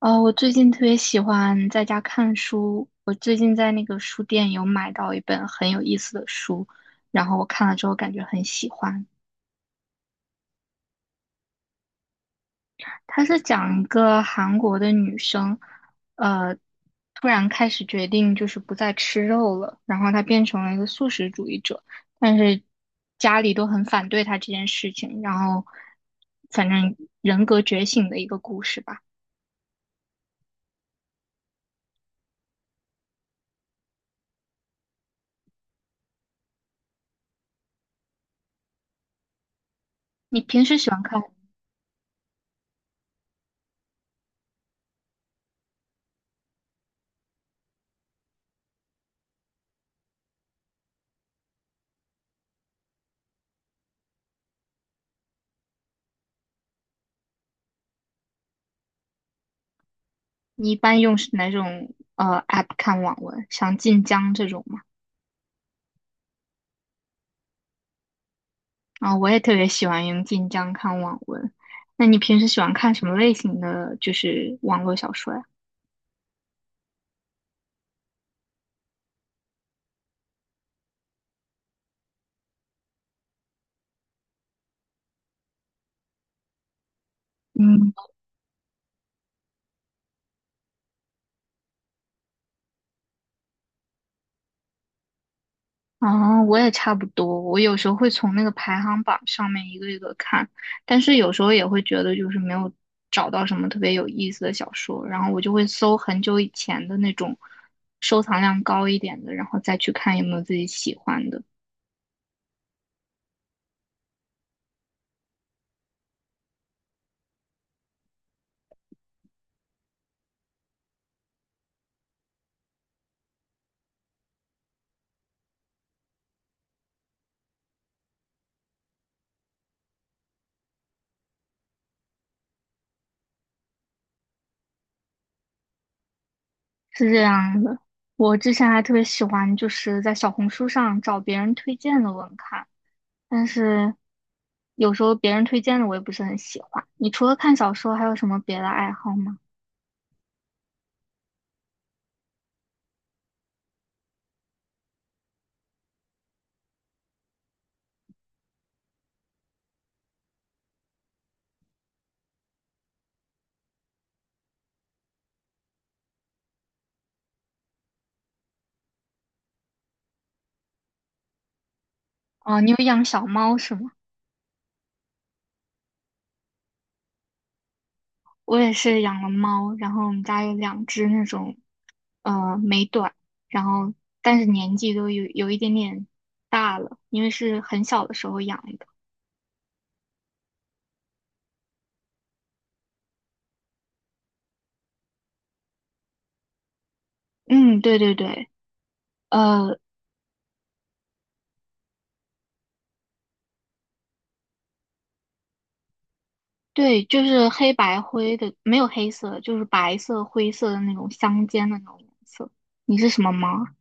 我最近特别喜欢在家看书。我最近在那个书店有买到一本很有意思的书，然后我看了之后感觉很喜欢。它是讲一个韩国的女生，呃，突然开始决定就是不再吃肉了，然后她变成了一个素食主义者，但是家里都很反对她这件事情，然后反正人格觉醒的一个故事吧。你平时喜欢看？你一般用是哪种app 看网文？像晋江这种吗？啊、我也特别喜欢用晋江看网文。那你平时喜欢看什么类型的就是网络小说呀？嗯，啊，我也差不多。我有时候会从那个排行榜上面一个一个看，但是有时候也会觉得就是没有找到什么特别有意思的小说，然后我就会搜很久以前的那种收藏量高一点的，然后再去看有没有自己喜欢的。是这样的，我之前还特别喜欢，就是在小红书上找别人推荐的文看，但是有时候别人推荐的我也不是很喜欢。你除了看小说，还有什么别的爱好吗？哦，你有养小猫是吗？我也是养了猫，然后我们家有两只那种美短，然后但是年纪都有一点点大了，因为是很小的时候养的。嗯，对对对。呃，对，就是黑白灰的，没有黑色，就是白色、灰色的那种相间的那种颜色。你是什么猫啊？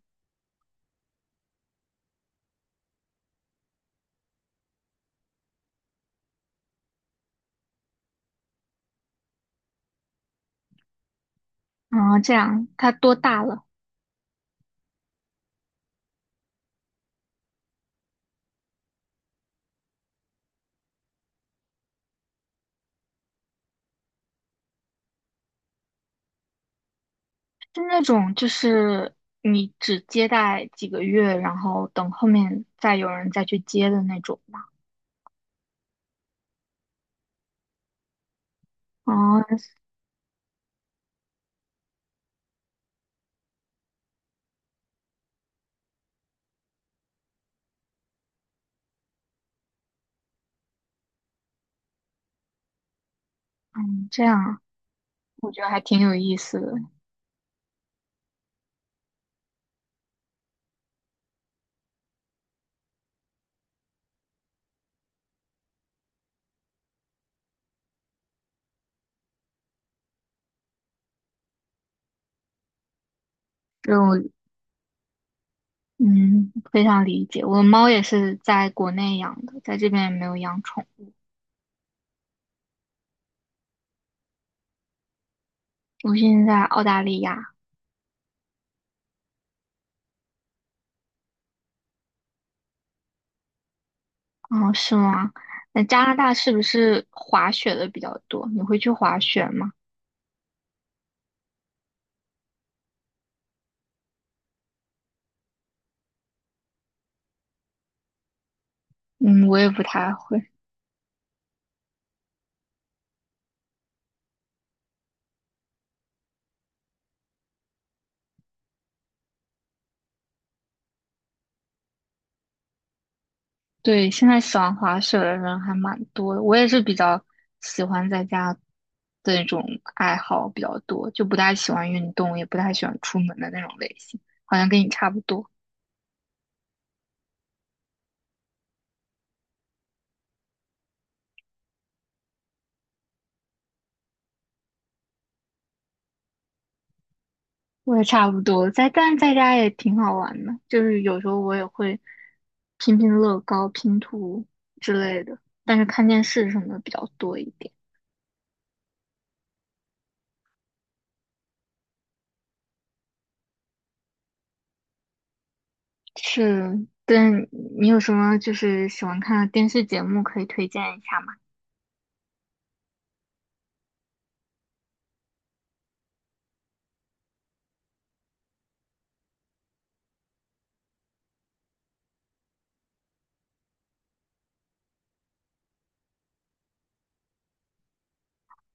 啊，这样，它多大了？是那种就是你只接待几个月，然后等后面再有人再去接的那种吗？哦，嗯，这样啊，我觉得还挺有意思的。就，我嗯非常理解。我的猫也是在国内养的，在这边也没有养宠。我现在在澳大利亚。哦，是吗？那加拿大是不是滑雪的比较多？你会去滑雪吗？嗯，我也不太会。对，现在喜欢滑雪的人还蛮多的，我也是比较喜欢在家的那种爱好比较多，就不太喜欢运动，也不太喜欢出门的那种类型，好像跟你差不多。我也差不多，在但是在家也挺好玩的，就是有时候我也会拼拼乐高、拼图之类的，但是看电视什么的比较多一点。是，但你有什么就是喜欢看的电视节目可以推荐一下吗？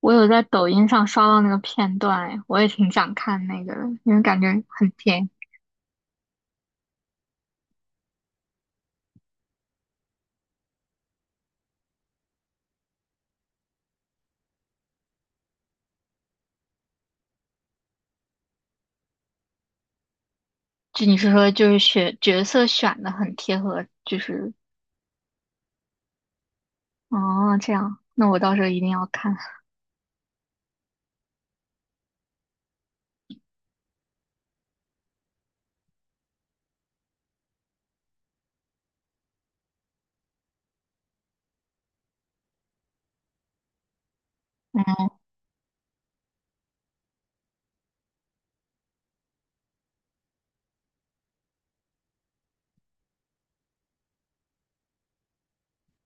我有在抖音上刷到那个片段，哎，我也挺想看那个的，因为感觉很甜。就你是说就是选角色选的很贴合，就是哦这样，那我到时候一定要看。嗯，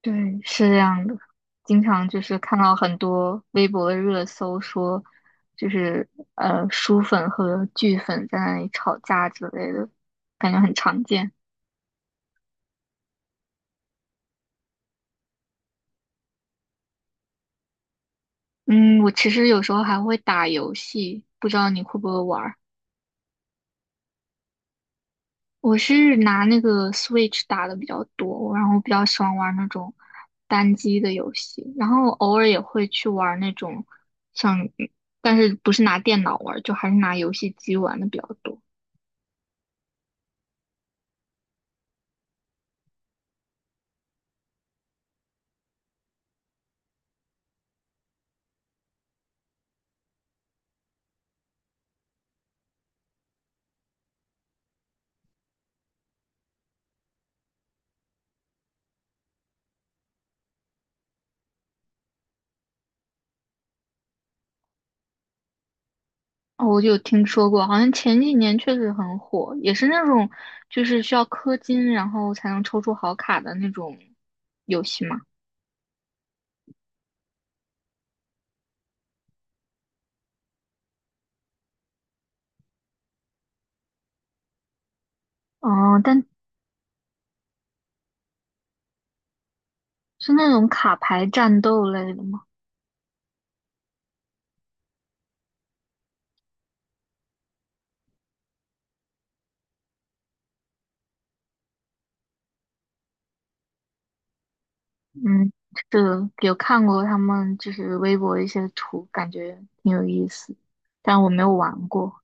对，是这样的。经常就是看到很多微博的热搜说，就是书粉和剧粉在那里吵架之类的，感觉很常见。嗯，我其实有时候还会打游戏，不知道你会不会玩儿？我是拿那个 Switch 打的比较多，然后比较喜欢玩那种单机的游戏，然后偶尔也会去玩那种像，但是不是拿电脑玩儿就还是拿游戏机玩的比较多。哦，我就有听说过，好像前几年确实很火，也是那种就是需要氪金然后才能抽出好卡的那种游戏嘛。哦，但是那种卡牌战斗类的吗？嗯，是的有看过他们就是微博一些图，感觉挺有意思，但我没有玩过。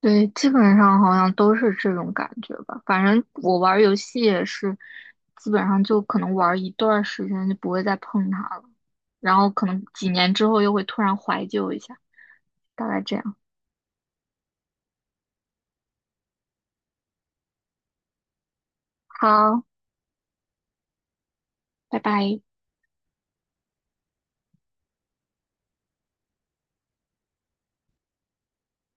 对，基本上好像都是这种感觉吧。反正我玩游戏也是，基本上就可能玩一段时间就不会再碰它了，然后可能几年之后又会突然怀旧一下，大概这样。好，拜拜。